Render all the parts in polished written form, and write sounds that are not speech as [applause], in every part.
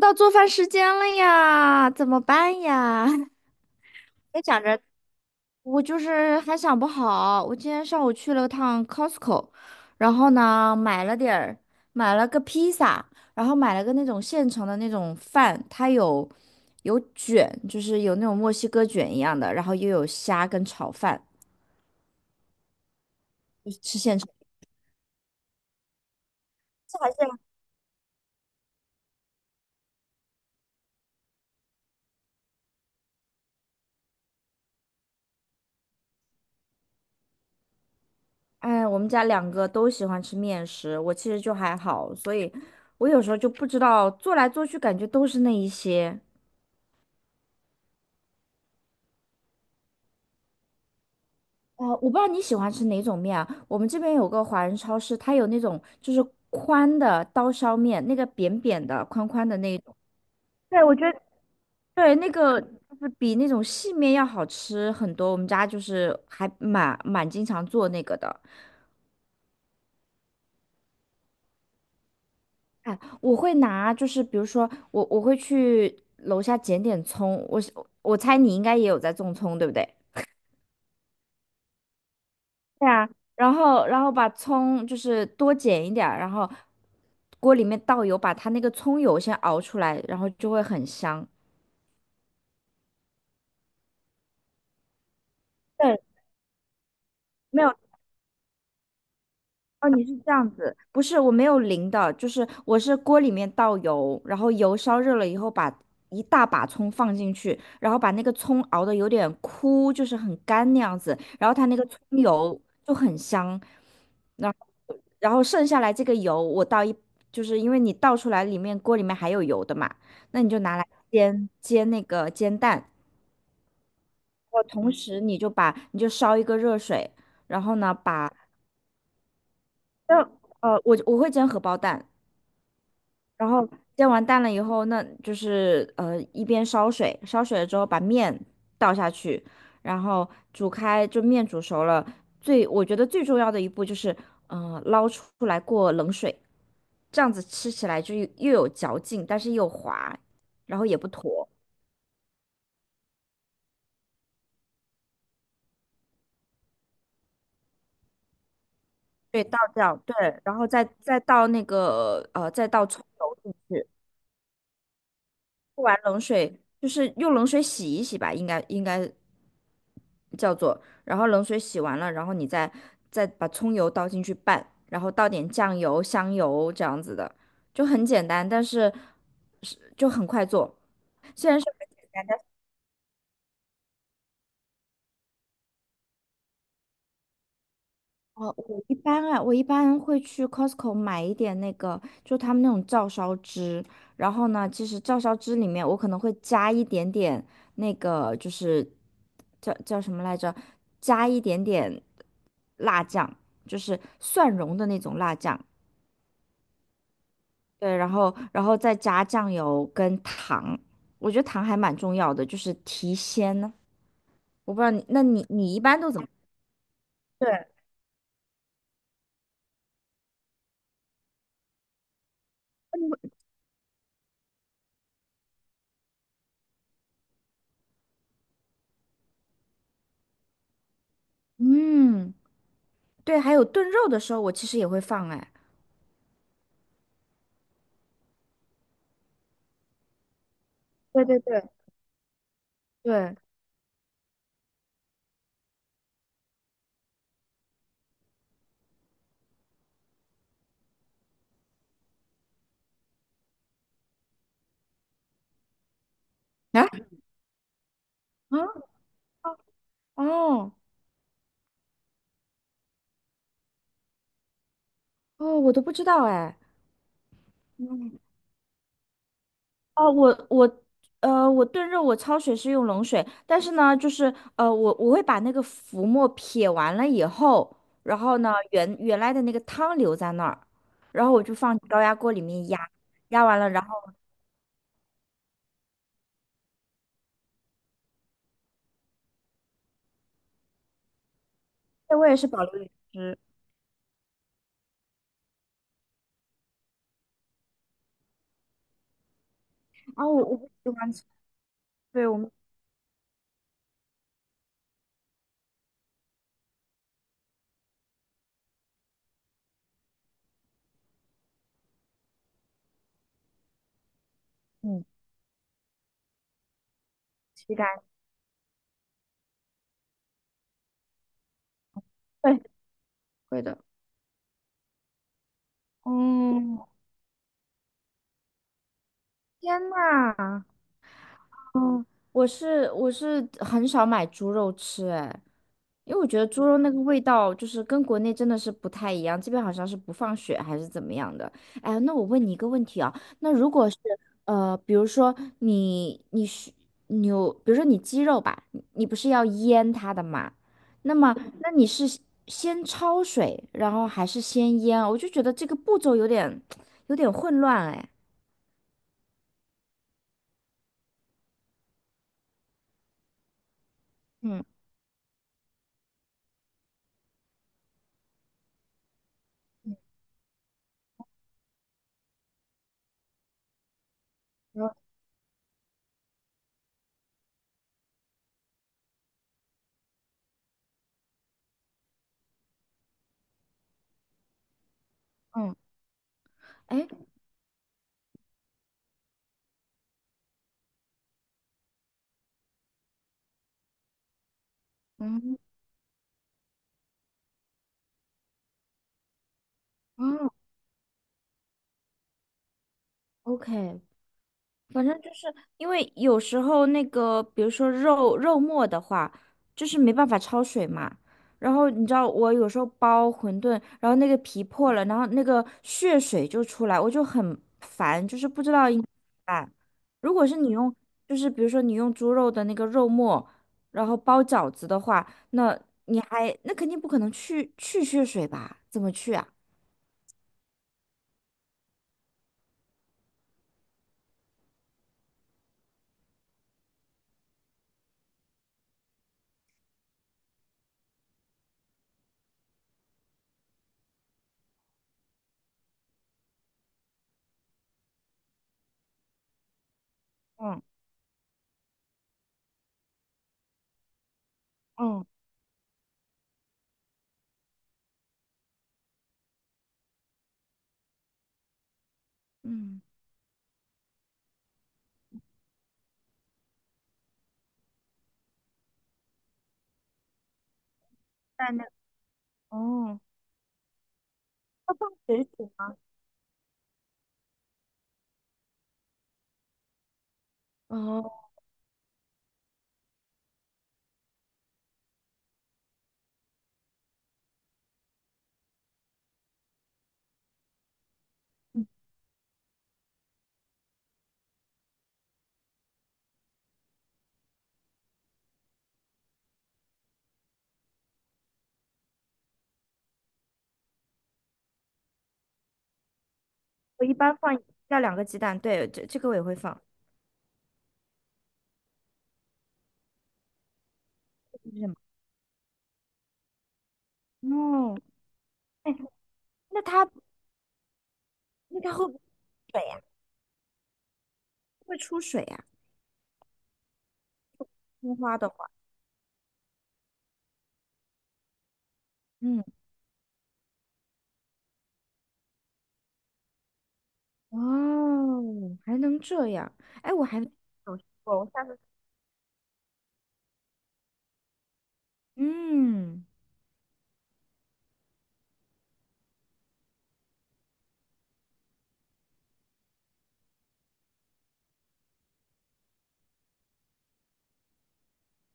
到做饭时间了呀，怎么办呀？[laughs] 别想着，我就是还想不好。我今天上午去了趟 Costco，然后呢买了点儿，买了个披萨，然后买了个那种现成的那种饭，它有卷，就是有那种墨西哥卷一样的，然后又有虾跟炒饭，就吃现成。这还是哎，我们家两个都喜欢吃面食，我其实就还好，所以我有时候就不知道做来做去，感觉都是那一些。啊、我不知道你喜欢吃哪种面啊？我们这边有个华人超市，它有那种就是宽的刀削面，那个扁扁的、宽宽的那一种。对，我觉得对，那个就是比那种细面要好吃很多。我们家就是还蛮经常做那个的。哎，我会拿，就是比如说我会去楼下捡点葱，我猜你应该也有在种葱，对不对？对啊，然后把葱就是多剪一点儿然后锅里面倒油，把它那个葱油先熬出来，然后就会很香。对，没有。哦，你是这样子，不是，我没有淋的，就是我是锅里面倒油，然后油烧热了以后把一大把葱放进去，然后把那个葱熬的有点枯，就是很干那样子，然后它那个葱油就很香，然后剩下来这个油我倒一，就是因为你倒出来里面锅里面还有油的嘛，那你就拿来煎那个煎蛋，我同时你就烧一个热水，然后呢把。那，我会煎荷包蛋，然后煎完蛋了以后，那就是一边烧水，烧水了之后把面倒下去，然后煮开，就面煮熟了。我觉得最重要的一步就是，捞出来过冷水，这样子吃起来就又有嚼劲，但是又滑，然后也不坨。对，倒掉，对，然后再倒葱油进去。不玩冷水，就是用冷水洗一洗吧，应该叫做，然后冷水洗完了，然后你再把葱油倒进去拌，然后倒点酱油、香油这样子的，就很简单，但是是就很快做。哦，我一般会去 Costco 买一点那个，就他们那种照烧汁。然后呢，其实照烧汁里面我可能会加一点点那个，就是叫什么来着？加一点点辣酱，就是蒜蓉的那种辣酱。对，然后再加酱油跟糖，我觉得糖还蛮重要的，就是提鲜呢。我不知道你，那你你一般都怎么？嗯，对，还有炖肉的时候，我其实也会放哎。对对对对。啊，啊，哦哦，我都不知道哎。嗯，哦，我炖肉我焯水是用冷水，但是呢，就是我会把那个浮沫撇完了以后，然后呢，原来的那个汤留在那儿，然后我就放高压锅里面压，压完了，然后这我也是保留原汁。啊，我不喜欢吃，对我们嗯，膝盖，对，会的。嗯，天呐！嗯，我是很少买猪肉吃，哎，因为我觉得猪肉那个味道就是跟国内真的是不太一样，这边好像是不放血还是怎么样的。哎，那我问你一个问题啊，那如果是呃，比如说你你是比如说你鸡肉吧，你不是要腌它的嘛？那么那你是先焯水，然后还是先腌啊？我就觉得这个步骤有点 [tsk] 有点混乱，哎，嗯嗯，哎。嗯嗯 o k 反正就是因为有时候那个，比如说肉末的话，就是没办法焯水嘛。然后你知道我有时候包馄饨，然后那个皮破了，然后那个血水就出来，我就很烦，就是不知道应该怎么办。如果是你用，就是比如说你用猪肉的那个肉末，然后包饺子的话，那那肯定不可能去血水吧？怎么去啊？嗯嗯嗯，在那哦，要放水煮吗？哦。我一般放要两个鸡蛋，对，这个我也会放。是什么？哦，哎，那它那它会不会水呀、会出水呀、葱花的话，嗯，哦，还能这样？哎，我下次嗯，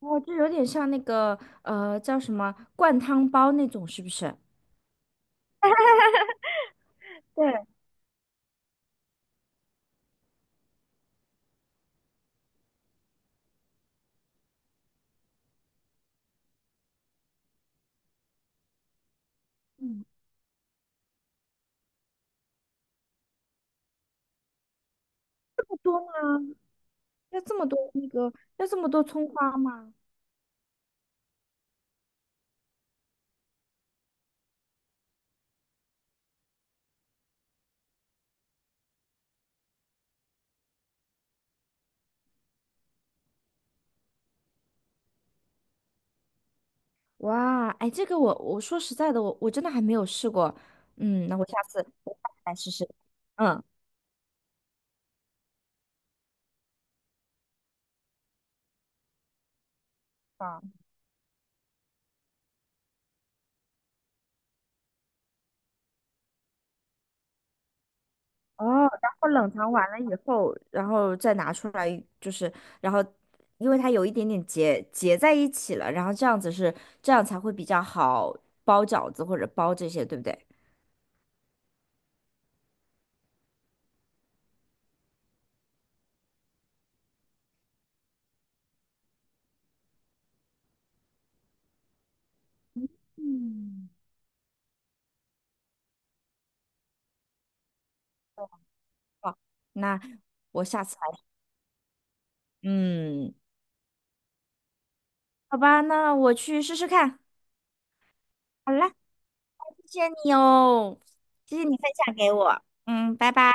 哦，就有点像那个叫什么灌汤包那种，是不是？对，嗯，不多吗？要这么多那个要这么多葱花吗？哇，哎，这个我说实在的，我真的还没有试过，嗯，那我下次来试试。嗯。啊，哦，然后冷藏完了以后，然后再拿出来，就是，然后因为它有一点点结在一起了，然后这样子是这样才会比较好包饺子或者包这些，对不对？嗯，那我下次来，嗯，好吧，那我去试试看。好啦，谢谢你哦，谢谢你分享给我，嗯，拜拜。